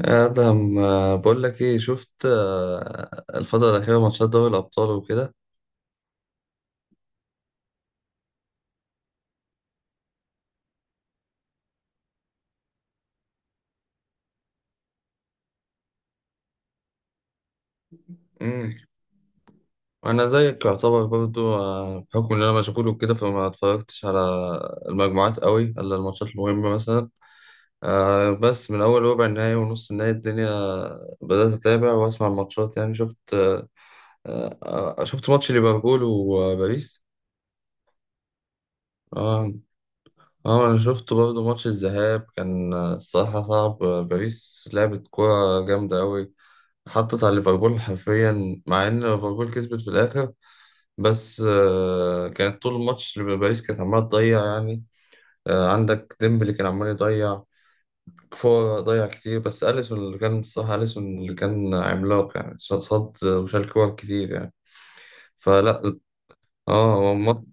ادهم، بقول لك ايه شفت الفتره الاخيره ماتشات دوري الابطال وكده. امم وانا زيك يعتبر برضو، بحكم ان انا مشغول وكده فما اتفرجتش على المجموعات قوي الا الماتشات المهمه مثلا. بس من اول ربع النهائي ونص النهائي الدنيا بدات اتابع واسمع الماتشات. يعني شفت، شفت ماتش ليفربول وباريس. اه. اه انا شفت برضه ماتش الذهاب، كان الصراحة صعب. باريس لعبت كورة جامدة أوي، حطت على ليفربول حرفيا، مع ان ليفربول كسبت في الاخر. بس كانت طول الماتش اللي باريس كانت عماله تضيع يعني. عندك ديمبلي كان عمال يضيع، كفور ضيع كتير، بس اليسون اللي كان الصراحه اليسون اللي كان عملاق يعني، صد وشال كور كتير يعني. فلا. اه هو ماتش.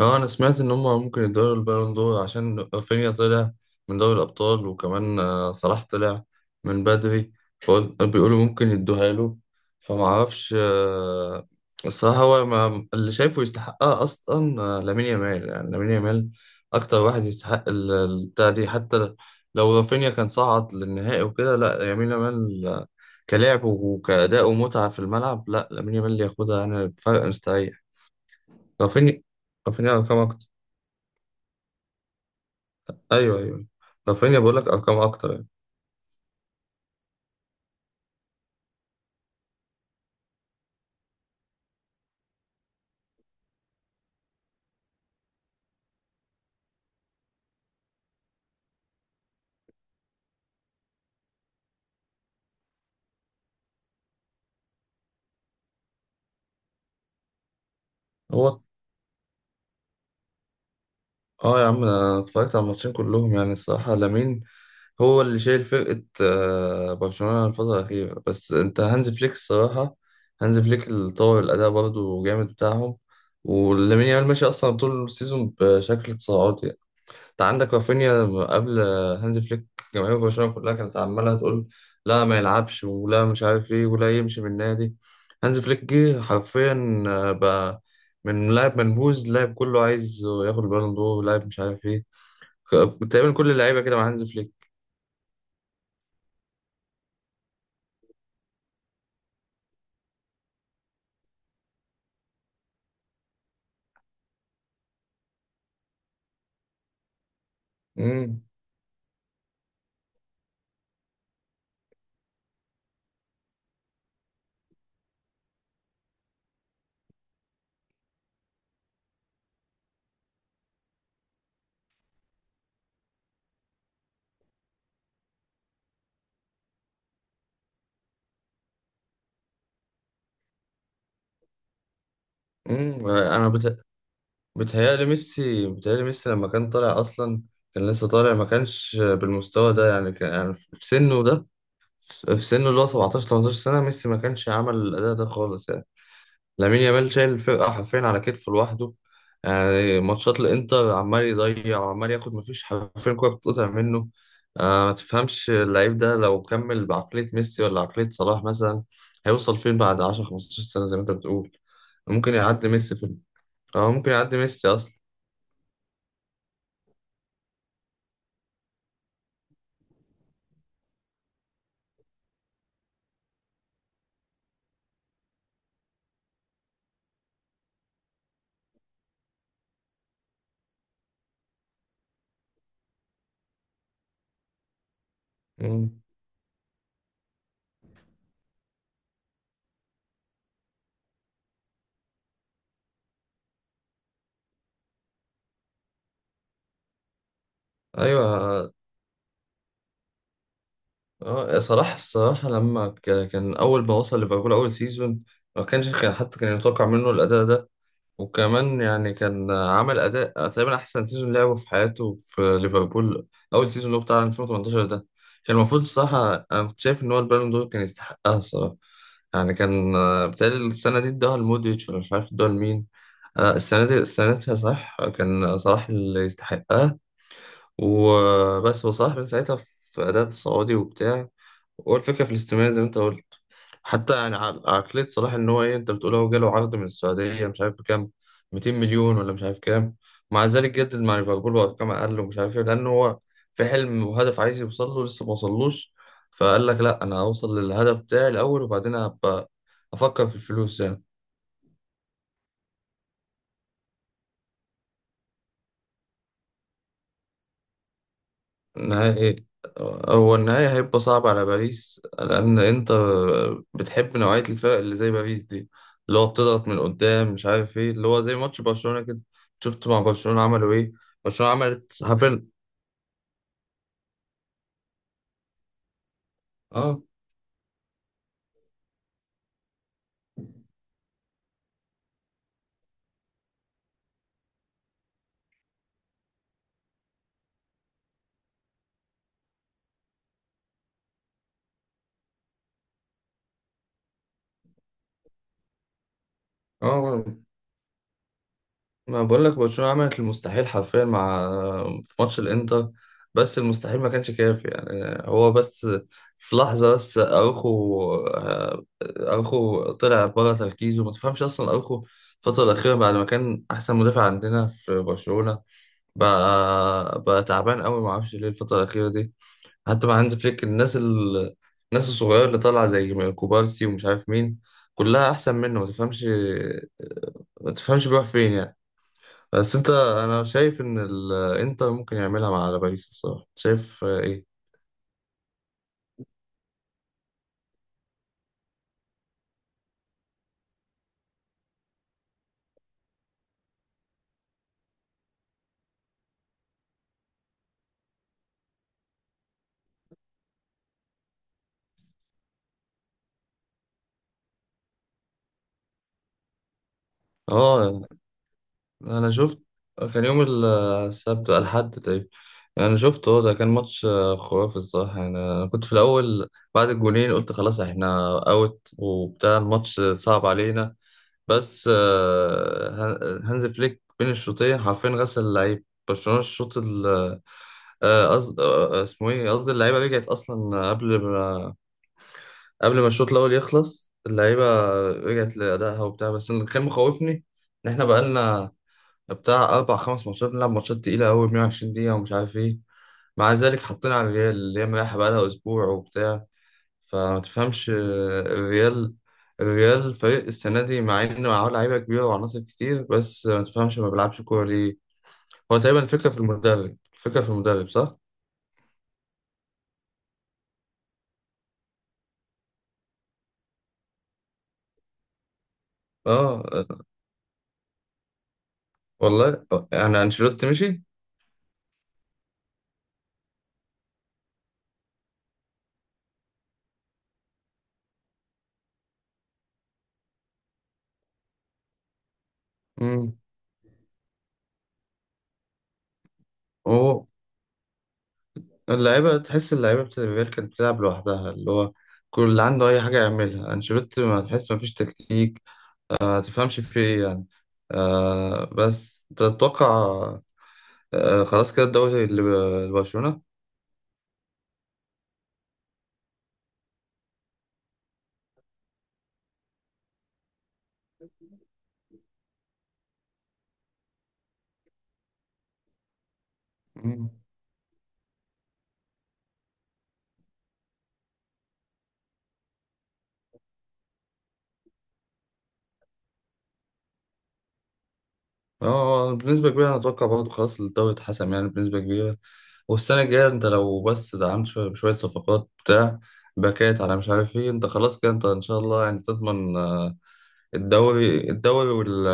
اه انا سمعت ان هم ممكن يدوروا البالون دور عشان رافينيا طلع من دوري الابطال، وكمان صلاح طلع من بدري، فبيقولوا ممكن يدوها له. فما اعرفش، الصراحه هو ما اللي شايفه يستحقها اصلا لامين يامال. يعني لامين يامال اكتر واحد يستحق البتاع دي. حتى لو رافينيا كان صعد للنهائي وكده، لا لامين يامال، كلاعب وكأداء ومتعه في الملعب، لا لامين يامال اللي ياخدها يعني بفرق مستريح. رافينيا، رافينيا رقم أكتر. ايوه ايوه، رافينيا بقول لك ارقام اكتر يعني. هو اه يا عم انا اتفرجت على الماتشين كلهم، يعني الصراحه لامين هو اللي شايل فرقه برشلونه الفتره الاخيره. بس انت هانز فليك الصراحه، هانز فليك اللي طور الاداء برضه جامد بتاعهم. ولامين يامال ماشي اصلا طول السيزون بشكل تصاعدي. انت عندك رافينيا قبل هانز فليك جماهير برشلونة كلها كانت عمالة تقول لا ما يلعبش ولا مش عارف ايه ولا يمشي من النادي. هانز فليك جه حرفيا، بقى من لاعب منبوذ لاعب كله عايز ياخد البالون دور، لاعب مش عارف ايه. تقريبا كل اللعيبة كده مع هانز فليك. امم انا بتهيألي ميسي، بتهيألي ميسي لما كان طالع اصلا كان لسه طالع ما كانش بالمستوى ده يعني. كان يعني في سنه ده، في سنه اللي هو 17 18 سنة، ميسي ما كانش عمل الأداء ده خالص يعني. لامين يامال شايل الفرقة حرفيا على كتفه لوحده. يعني ماتشات الإنتر عمال يضيع وعمال ياخد، مفيش حرفيا كورة بتتقطع منه. آه ما تفهمش، اللعيب ده لو كمل بعقلية ميسي ولا عقلية صلاح مثلا، هيوصل فين بعد 10 15 سنة زي ما أنت بتقول؟ ممكن يعدي ميسي في، اه ممكن يعدي ميسي أصلا. مم. أيوه اه صلاح الصراحة لما كان أول ما وصل ليفربول أول سيزون، ما كانش كان، حتى كان يتوقع منه الأداء ده. وكمان يعني كان عمل أداء تقريبا أحسن سيزون لعبه في حياته في ليفربول، أول سيزون اللي هو بتاع 2018 ده، كان المفروض الصراحة أنا كنت شايف إن هو البالون دور كان يستحقها الصراحة. يعني كان، بتهيألي السنة دي اداها لمودريتش ولا مش عارف اداها لمين. السنة دي، السنة دي صح كان صلاح اللي يستحقها. وبس وصلاح من ساعتها في أداء السعودي وبتاع، هو الفكرة في الاستماع زي ما انت قلت. حتى يعني عقلية صلاح ان هو ايه، انت بتقول هو جاله عرض من السعودية مش عارف بكام، 200 مليون ولا مش عارف كام، مع ذلك جدد مع ليفربول بأرقام أقل ومش عارف ايه، لأن هو في حلم وهدف عايز يوصل له لسه ما وصلوش. فقال لك لا أنا هوصل للهدف بتاعي الأول وبعدين أبقى أفكر في الفلوس يعني. نهائي، هو النهائي هيبقى صعب على باريس، لأن أنت بتحب نوعية الفرق اللي زي باريس دي اللي هو بتضغط من قدام مش عارف إيه، اللي هو زي ماتش برشلونة كده. شفت مع برشلونة عملوا إيه؟ برشلونة عملت حرفيا. آه آه ما بقول لك برشلونة عملت المستحيل حرفيا مع، في ماتش الانتر. بس المستحيل ما كانش كافي يعني. هو بس في لحظة، بس اروخو، اروخو طلع بره تركيزه، ما تفهمش اصلا اروخو الفترة الأخيرة بعد ما كان أحسن مدافع عندنا في برشلونة، بقى تعبان قوي ما أعرفش ليه الفترة الأخيرة دي. حتى مع هانز فليك الناس الصغيرة اللي طالعة زي كوبارسي ومش عارف مين، كلها أحسن منه. ما تفهمش، ما تفهمش بيروح فين يعني. بس انت انا شايف ان الانتر ممكن يعملها مع باريس الصراحه، شايف ايه. اه انا شفت، كان يوم السبت الحد تقريبا. انا شفت، هو ده كان ماتش خرافي الصراحه. يعني انا كنت في الاول بعد الجولين قلت خلاص احنا اوت وبتاع، الماتش صعب علينا. بس، هانز فليك بين الشوطين حرفيا غسل اللعيب برشلونه الشوط اسمه ايه، قصدي اللعيبه رجعت اصلا قبل، قبل ما الشوط الاول يخلص اللعيبه رجعت لادائها وبتاع. بس اللي كان مخوفني ان احنا بقالنا بتاع اربع خمس ماتشات بنلعب ماتشات تقيله قوي 120 دقيقه ومش عارف ايه. مع ذلك حطينا على الريال اللي هي مريحه بقالها اسبوع وبتاع. فما تفهمش، الريال، الريال فريق السنه دي مع انه معاه لعيبه كبيره وعناصر كتير بس ما تفهمش ما بيلعبش كوره ليه. هو تقريبا الفكره في المدرب، الفكره في المدرب صح. اه آه، والله آه، يعني انشيلوتي مشي. امم اللعيبة، تحس اللعيبة بتاعت الريال كانت بتلعب لوحدها، اللي هو كل اللي عنده أي حاجة يعملها أنشيلوتي، ما تحس مفيش تكتيك، آه تفهمش في إيه يعني. آه بس تتوقع، آه خلاص كده الدوري لبرشلونة. مم. اه بنسبة كبيرة أنا أتوقع برضه خلاص الدوري اتحسم يعني بنسبة كبيرة. والسنة الجاية أنت لو بس دعمت شوية بشوية صفقات بتاع، باكات على مش عارف إيه، أنت خلاص كده أنت إن شاء الله يعني تضمن الدوري، الدوري وال،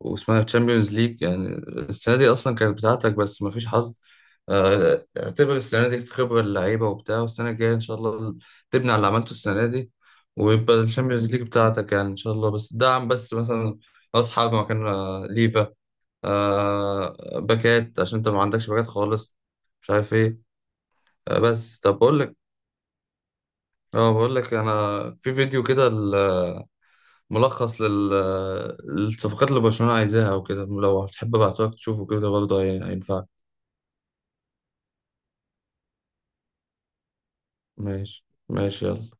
واسمها تشامبيونز ليج يعني. السنة دي أصلا كانت بتاعتك بس مفيش حظ. اعتبر السنة دي في خبرة اللعيبة وبتاع، والسنة الجاية إن شاء الله تبني على اللي عملته السنة دي، ويبقى الشامبيونز ليج بتاعتك يعني إن شاء الله. بس دعم، بس مثلا رأس حربة مكان ليفا، باكات عشان أنت ما عندكش باكات خالص، مش عارف إيه. بس طب بقول لك، اه بقول لك أنا في فيديو كده ملخص للصفقات اللي برشلونة عايزاها وكده، لو هتحب ابعتهولك تشوفه كده برضه هينفعك. ماشي ماشي يلا.